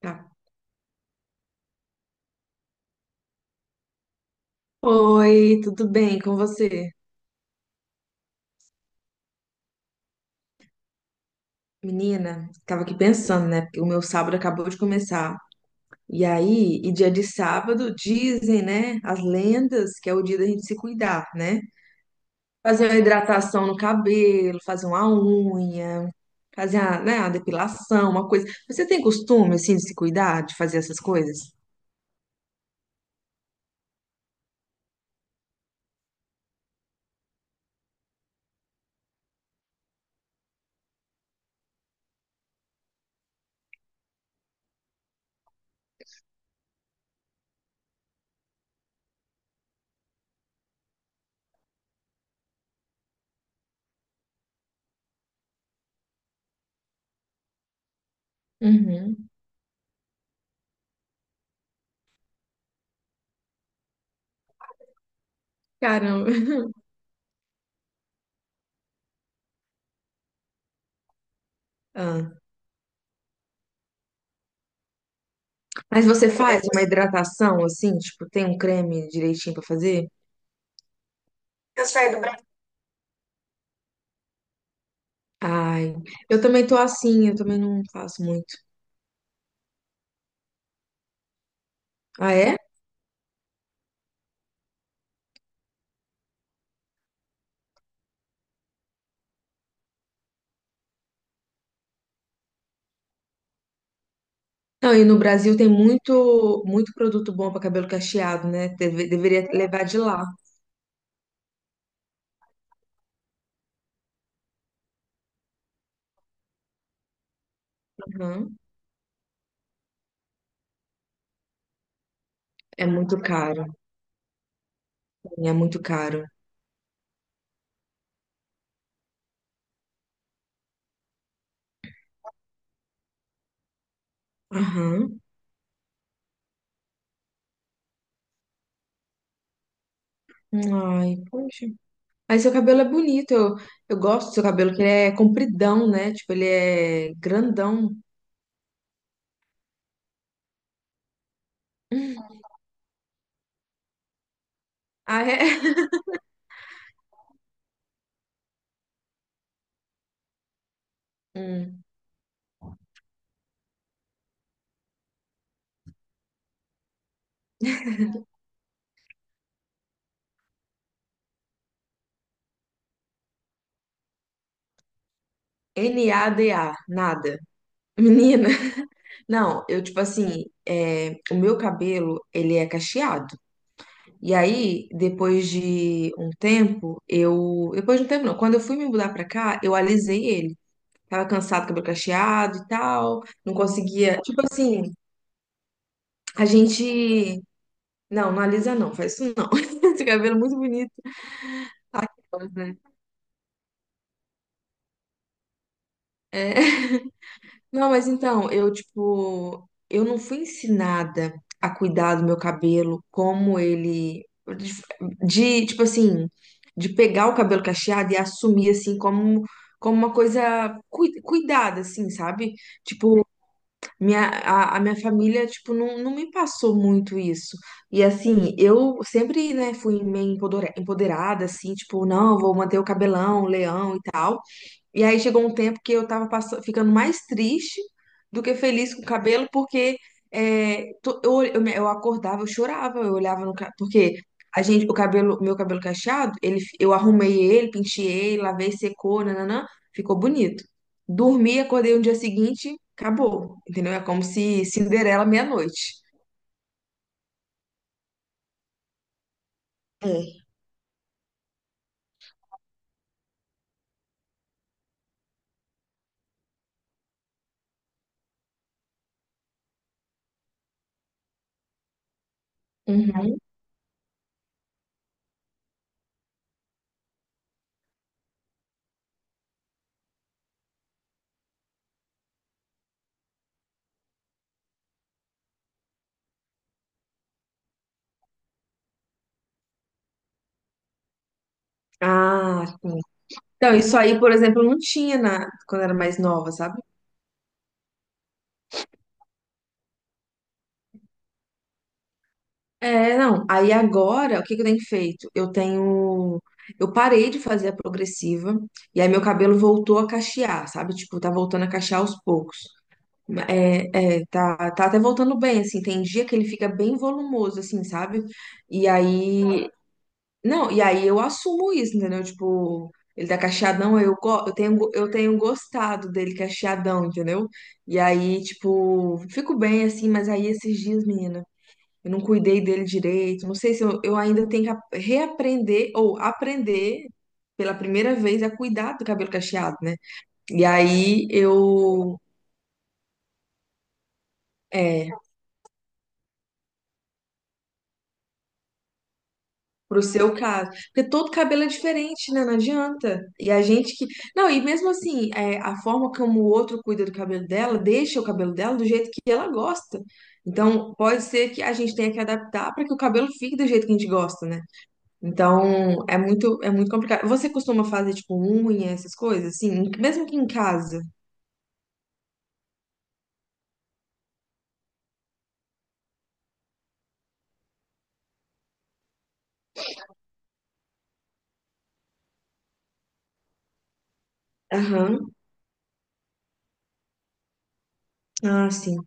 Tá. Oi, tudo bem com você? Menina, tava aqui pensando, né? Porque o meu sábado acabou de começar. E aí, e dia de sábado, dizem, né? As lendas que é o dia da gente se cuidar, né? Fazer uma hidratação no cabelo, fazer uma unha, fazer a, né, uma depilação, uma coisa. Você tem costume, assim, de se cuidar, de fazer essas coisas? Uhum. Caramba. Ah. Mas você faz uma hidratação, assim, tipo, tem um creme direitinho pra fazer? Ai, eu também tô assim, eu também não faço muito. Ah, é? Não, e no Brasil tem muito produto bom para cabelo cacheado, né? Deveria levar de lá. Aham. É muito caro. É muito caro. Aham. Ai, poxa. Aí seu cabelo é bonito. Eu gosto do seu cabelo, que ele é compridão, né? Tipo, ele é grandão. Hum. Ah, é? Hum. nada, nada. Menina, não, eu tipo assim, é, o meu cabelo, ele é cacheado. E aí, depois de um tempo, eu. Depois de um tempo, não. Quando eu fui me mudar pra cá, eu alisei ele. Tava cansado, cabelo cacheado e tal. Não conseguia. Tipo assim, a gente. Não, não alisa não, faz isso não. Esse cabelo é muito bonito. Pois é. É. Não, mas então, eu, tipo, eu não fui ensinada a cuidar do meu cabelo como ele. De, tipo assim, de pegar o cabelo cacheado e assumir, assim, como, como uma coisa cuidada, assim, sabe? Tipo, a minha família, tipo, não me passou muito isso. E, assim, eu sempre, né, fui meio empoderada, assim, tipo, não, vou manter o cabelão, leão e tal. E aí chegou um tempo que eu tava ficando mais triste do que feliz com o cabelo, porque eu acordava, eu chorava, eu olhava no cabelo, porque a gente, o cabelo, o meu cabelo cacheado, eu arrumei ele, penteei, lavei, secou, nananã, ficou bonito. Dormi, acordei no dia seguinte, acabou, entendeu? É como se Cinderela meia-noite. É. Uhum. Ah, sim. Então, isso aí, por exemplo, não tinha na, quando eu era mais nova, sabe? É, não. Aí agora, o que que eu tenho feito? Eu tenho. Eu parei de fazer a progressiva, e aí meu cabelo voltou a cachear, sabe? Tipo, tá voltando a cachear aos poucos. Tá até voltando bem, assim. Tem dia que ele fica bem volumoso, assim, sabe? E aí. Não, e aí eu assumo isso, entendeu? Tipo, ele tá cacheadão, aí eu, go- eu tenho gostado dele cacheadão, entendeu? E aí, tipo, fico bem, assim, mas aí esses dias, menina. Eu não cuidei dele direito. Não sei se eu ainda tenho que reaprender ou aprender pela primeira vez a cuidar do cabelo cacheado, né? E aí eu. É, pro seu caso. Porque todo cabelo é diferente, né? Não adianta. E a gente que. Não, e mesmo assim, é, a forma como o outro cuida do cabelo dela, deixa o cabelo dela do jeito que ela gosta. Então, pode ser que a gente tenha que adaptar para que o cabelo fique do jeito que a gente gosta, né? Então, é muito complicado. Você costuma fazer, tipo, unha, essas coisas, assim? Mesmo que em casa? Aham. Ah, sim.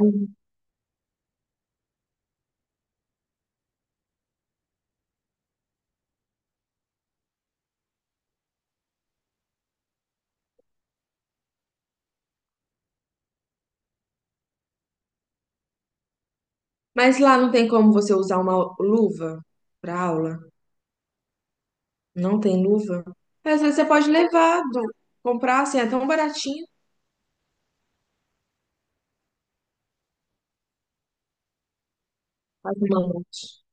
Uhum. Mas lá não tem como você usar uma luva pra aula? Não tem luva? Mas às vezes você pode levar, comprar, assim, é tão baratinho. As mãos.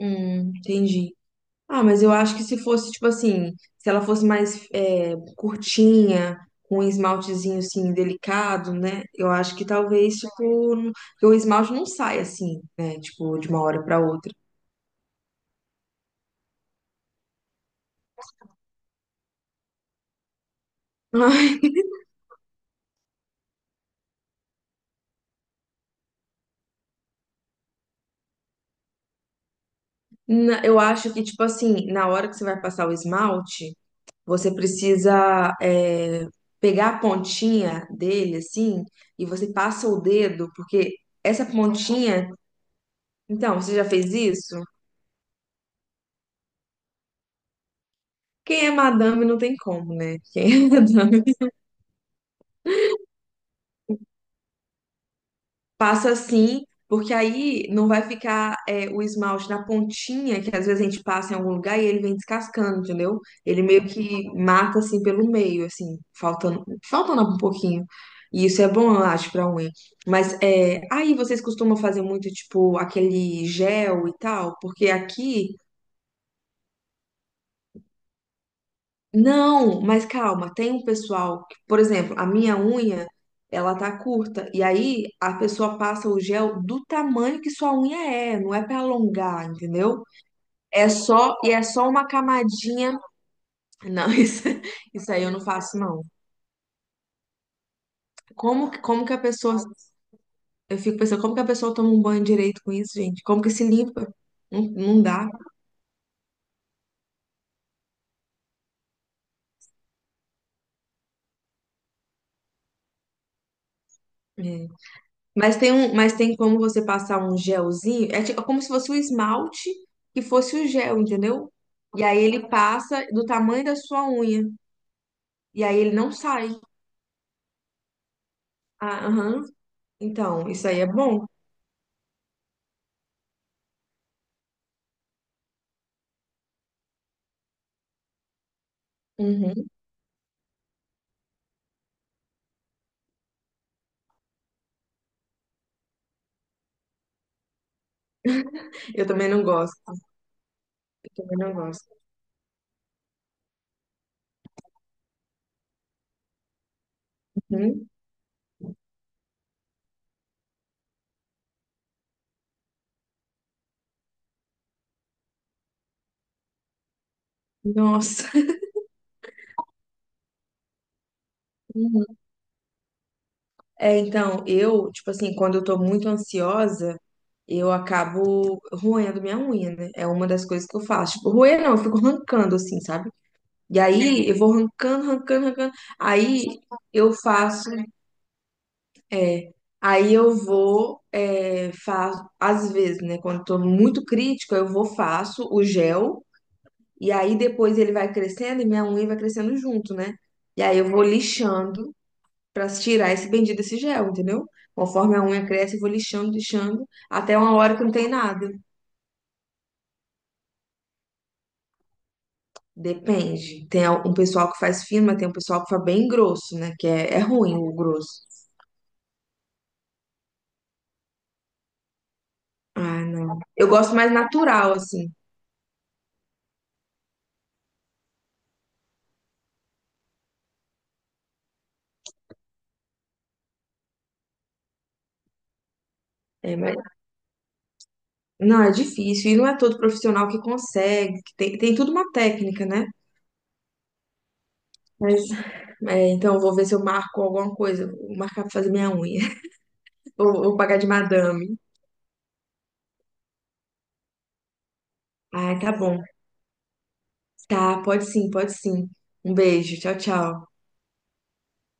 Entendi. Ah, mas eu acho que se fosse, tipo assim, se ela fosse mais é, curtinha, com um esmaltezinho, assim, delicado, né? Eu acho que talvez, tipo, que o esmalte não sai assim, né? Tipo, de uma hora pra outra. Eu acho que, tipo assim, na hora que você vai passar o esmalte, você precisa é, pegar a pontinha dele, assim, e você passa o dedo, porque essa pontinha. Então, você já fez isso? Quem é madame não tem como, né? Quem é madame. Passa assim, porque aí não vai ficar é, o esmalte na pontinha, que às vezes a gente passa em algum lugar e ele vem descascando, entendeu? Ele meio que mata assim pelo meio, assim, faltando, faltando um pouquinho. E isso é bom, eu acho, pra unha. Mas é, aí vocês costumam fazer muito, tipo, aquele gel e tal, porque aqui Não, mas calma, tem um pessoal que, por exemplo, a minha unha, ela tá curta, e aí a pessoa passa o gel do tamanho que sua unha é, não é pra alongar, entendeu? É só, e é só uma camadinha. Não, isso aí eu não faço, não. Como que a pessoa, eu fico pensando, como que a pessoa toma um banho direito com isso, gente? Como que se limpa? Não, não dá. É. Mas tem como você passar um gelzinho, é como se fosse o esmalte que fosse o gel, entendeu? E aí ele passa do tamanho da sua unha, e aí ele não sai. Ah, aham. Então, isso aí é bom. Uhum. Eu também não gosto. Eu também não gosto. Uhum. Nossa. Uhum. É, então, eu, tipo assim, quando eu tô muito ansiosa, eu acabo roendo minha unha, né? É uma das coisas que eu faço. Tipo, roer não, eu fico arrancando, assim, sabe? E aí eu vou arrancando, arrancando, arrancando. Aí eu faço, é, aí eu vou, é, faço, às vezes, né? Quando tô muito crítica, eu vou, faço o gel, e aí depois ele vai crescendo e minha unha vai crescendo junto, né? E aí eu vou lixando pra tirar esse bendito desse gel, entendeu? Conforme a unha cresce, eu vou lixando, lixando, até uma hora que não tem nada. Depende. Tem um pessoal que faz fino, mas tem um pessoal que faz bem grosso, né? Que é ruim o grosso. Ah, não. Eu gosto mais natural, assim. É, mas... Não, é difícil. E não é todo profissional que consegue. Que tem, tem tudo uma técnica, né? Mas, é, então, eu vou ver se eu marco alguma coisa. Vou marcar pra fazer minha unha. Vou pagar de madame. Ah, tá bom. Tá, pode sim. Um beijo. Tchau, tchau.